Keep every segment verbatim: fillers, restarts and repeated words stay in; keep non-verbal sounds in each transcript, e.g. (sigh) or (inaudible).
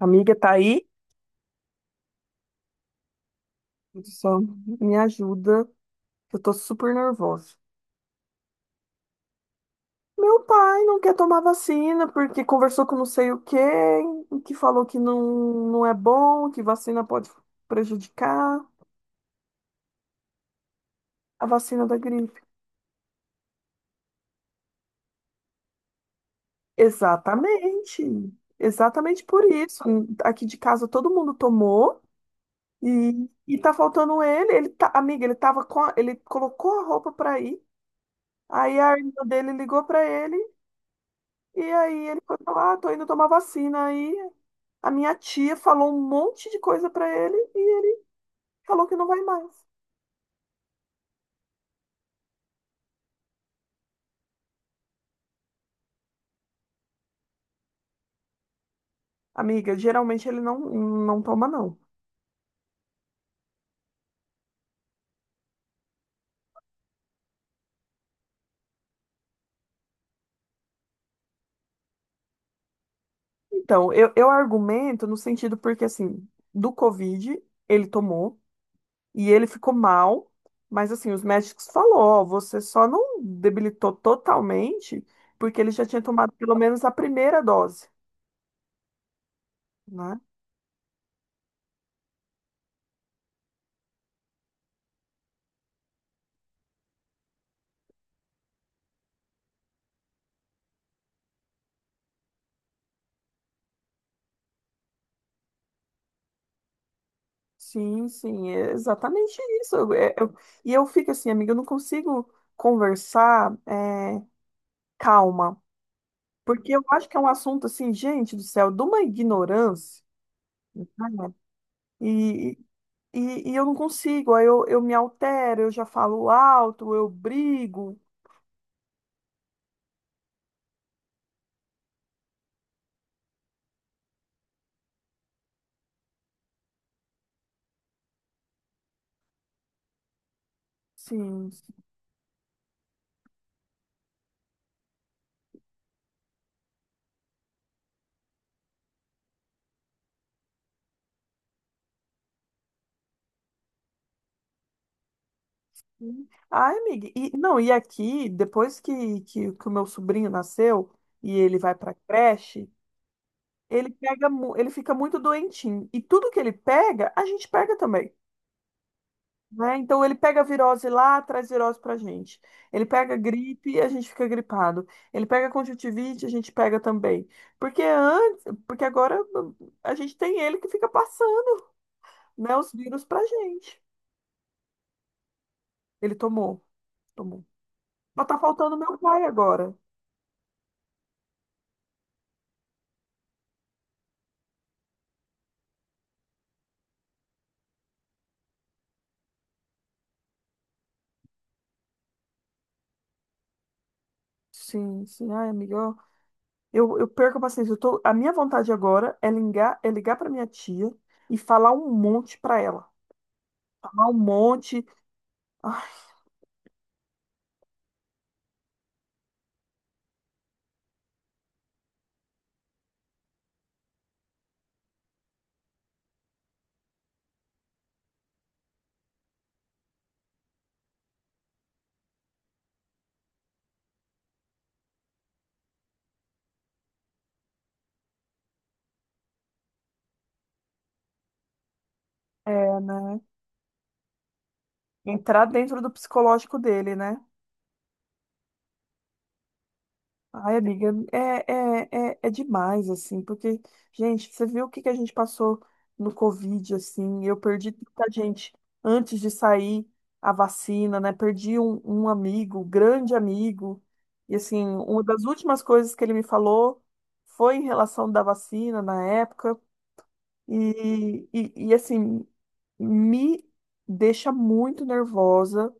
Amiga, tá aí? Só me ajuda, que eu tô super nervosa. Meu pai não quer tomar vacina porque conversou com não sei o quê, que falou que não, não é bom, que vacina pode prejudicar a vacina da gripe. Exatamente. Exatamente por isso. Aqui de casa todo mundo tomou e, e tá faltando ele. Ele tá, amiga, ele tava com, a- ele colocou a roupa pra ir. Aí a irmã dele ligou pra ele. E aí ele foi falar, ah, tô indo tomar vacina. Aí a minha tia falou um monte de coisa pra ele e falou que não vai mais. Amiga, geralmente ele não, não toma, não. Então, eu, eu argumento no sentido porque, assim, do Covid ele tomou e ele ficou mal, mas, assim, os médicos falou, ó, você só não debilitou totalmente porque ele já tinha tomado pelo menos a primeira dose, né? Sim, sim, é exatamente isso. Eu- é- eu- e eu fico assim, amiga, eu não consigo conversar é, calma, porque eu acho que é um assunto assim, gente do céu, de uma ignorância, né? E, e, e eu não consigo, aí eu, eu me altero, eu já falo alto, eu brigo, sim. Sim. Ai, amiga, e, não, e aqui, depois que, que, que o meu sobrinho nasceu e ele vai pra creche. Ele pega, mu- ele fica muito doentinho. E tudo que ele pega, a gente pega também, né? Então ele pega a virose lá, traz virose pra gente. Ele pega gripe, a gente fica gripado. Ele pega conjuntivite, a gente pega também. Porque antes, porque agora a gente tem ele que fica passando, né, os vírus pra gente. Ele tomou, tomou. Só tá faltando meu pai agora. Sim, sim, ai, amiga, ó, eu, eu perco a paciência. Eu tô, a minha vontade agora é ligar, é ligar para minha tia e falar um monte pra ela. Um monte. Ai, é, né? Entrar dentro do psicológico dele, né? Ai, amiga, é, é, é, é demais, assim, porque, gente, você viu o que que a gente passou no Covid, assim, eu perdi tanta gente antes de sair a vacina, né? Perdi um, um amigo, grande amigo, e, assim, uma das últimas coisas que ele me falou foi em relação da vacina na época, e, e, e assim, me deixa muito nervosa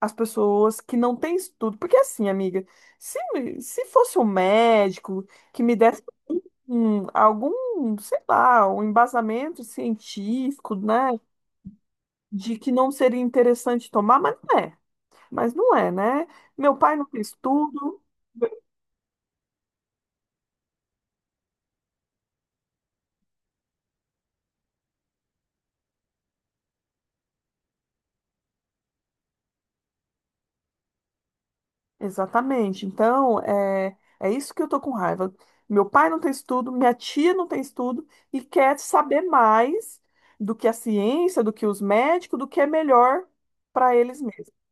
as pessoas que não têm estudo. Porque assim, amiga, se, se fosse um médico que me desse um- algum, sei lá, um embasamento científico, né, de que não seria interessante tomar, mas não é. Mas não é, né? Meu pai não tem estudo. Exatamente. Então, é, é isso que eu tô com raiva. Meu pai não tem estudo, minha tia não tem estudo e quer saber mais do que a ciência, do que os médicos, do que é melhor para eles mesmos.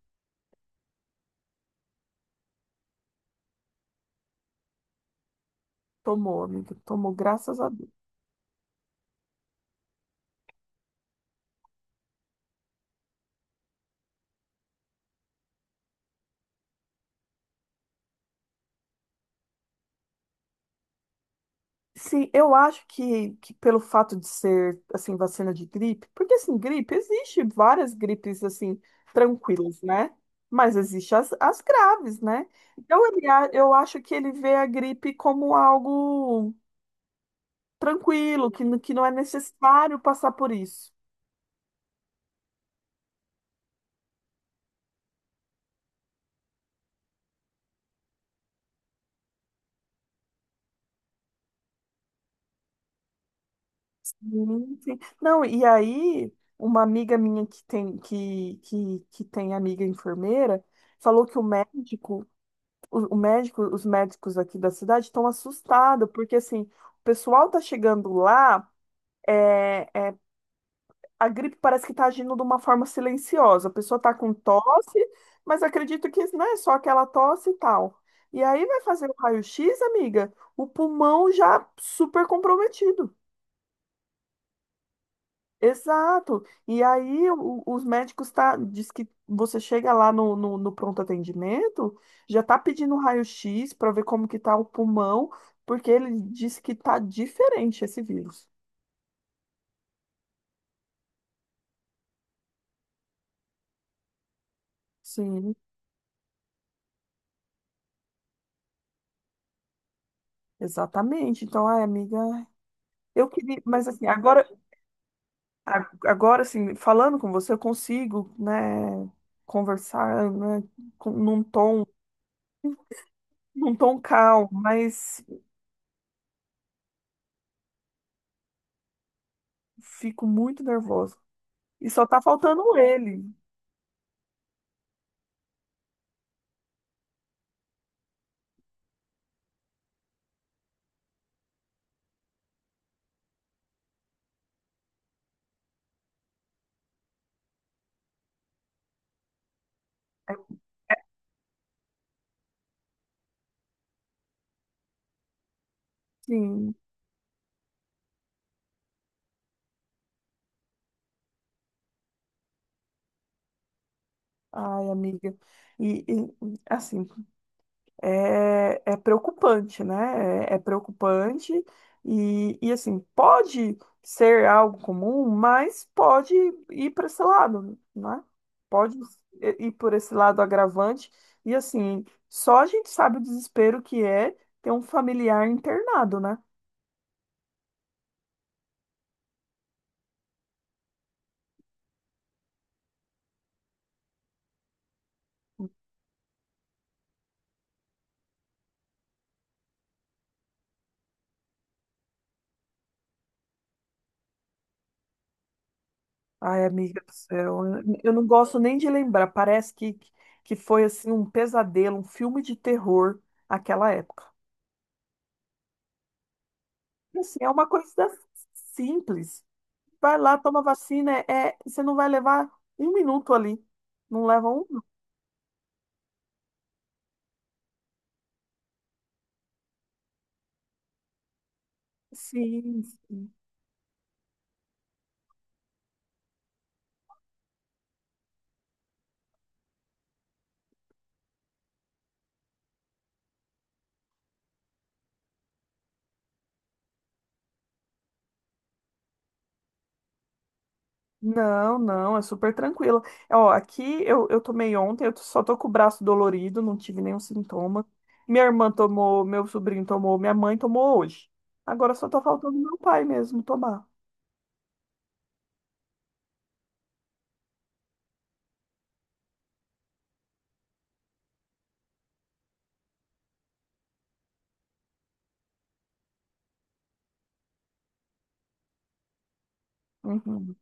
Tomou, amiga, tomou, graças a Deus. Sim, eu acho que, que pelo fato de ser, assim, vacina de gripe, porque, assim, gripe, existe várias gripes, assim, tranquilas, né? Mas existe as, as graves, né? Então, ele, a- eu acho que ele vê a gripe como algo tranquilo, que, n- que não é necessário passar por isso. Sim, sim. Não, e aí, uma amiga minha que tem, que, que, que tem amiga enfermeira falou que o médico, o, o médico, os médicos aqui da cidade estão assustados, porque assim, o pessoal tá chegando lá. eh, a gripe parece que está agindo de uma forma silenciosa. A pessoa está com tosse, mas acredito que não é só aquela tosse e tal. E aí vai fazer o raio-x, amiga, o pulmão já super comprometido. Exato. E aí o- os médicos tá, diz que você chega lá no, no, no pronto atendimento, já tá pedindo raio-x para ver como que tá o pulmão, porque ele disse que tá diferente esse vírus. Sim, exatamente. Então, ai, amiga, eu queria, mas assim, agora A- agora, assim, falando com você, eu consigo, né, conversar, né, com- num tom, num tom calmo, mas fico muito nervosa. E só tá faltando ele. É, sim, ai, amiga. E, e, assim, é, é preocupante, né? É, é preocupante e, e, assim, pode ser algo comum, mas pode ir para esse lado, né? Pode ir por esse lado agravante e, assim, só a gente sabe o desespero que é ter um familiar internado, né? Ai, amiga do céu, eu não gosto nem de lembrar. Parece que, que foi assim um pesadelo, um filme de terror aquela época. Assim, é uma coisa simples. Vai lá, toma vacina, é, é, você não vai levar um minuto ali. Não leva um. Sim. Não, não, é super tranquilo. Ó, aqui eu, eu tomei ontem, eu só tô com o braço dolorido, não tive nenhum sintoma. Minha irmã tomou, meu sobrinho tomou, minha mãe tomou hoje. Agora só tá faltando meu pai mesmo tomar. Uhum.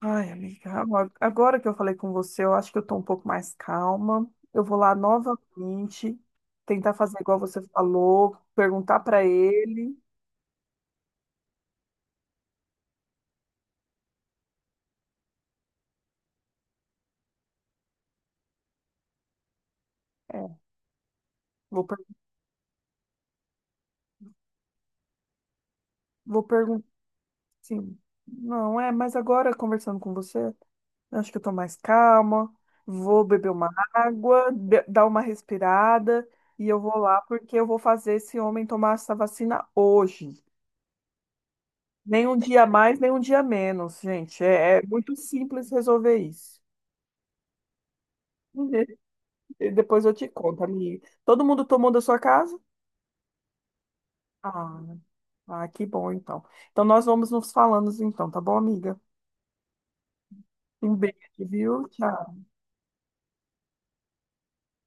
Ai, amiga, agora agora que eu falei com você, eu acho que eu tô um pouco mais calma. Eu vou lá novamente, tentar fazer igual você falou, perguntar pra ele. É, vou, per- vou perguntar, sim. Não, é, mas agora conversando com você, eu acho que eu tô mais calma, vou beber uma água, de- dar uma respirada e eu vou lá porque eu vou fazer esse homem tomar essa vacina hoje. Nem um dia a mais, nem um dia a menos, gente. É, é muito simples resolver isso. (laughs) E depois eu te conto, amiga. Todo mundo tomou da sua casa? Ah, ah, que bom, então. Então nós vamos nos falando, então, tá bom, amiga? Um beijo, viu? Tchau.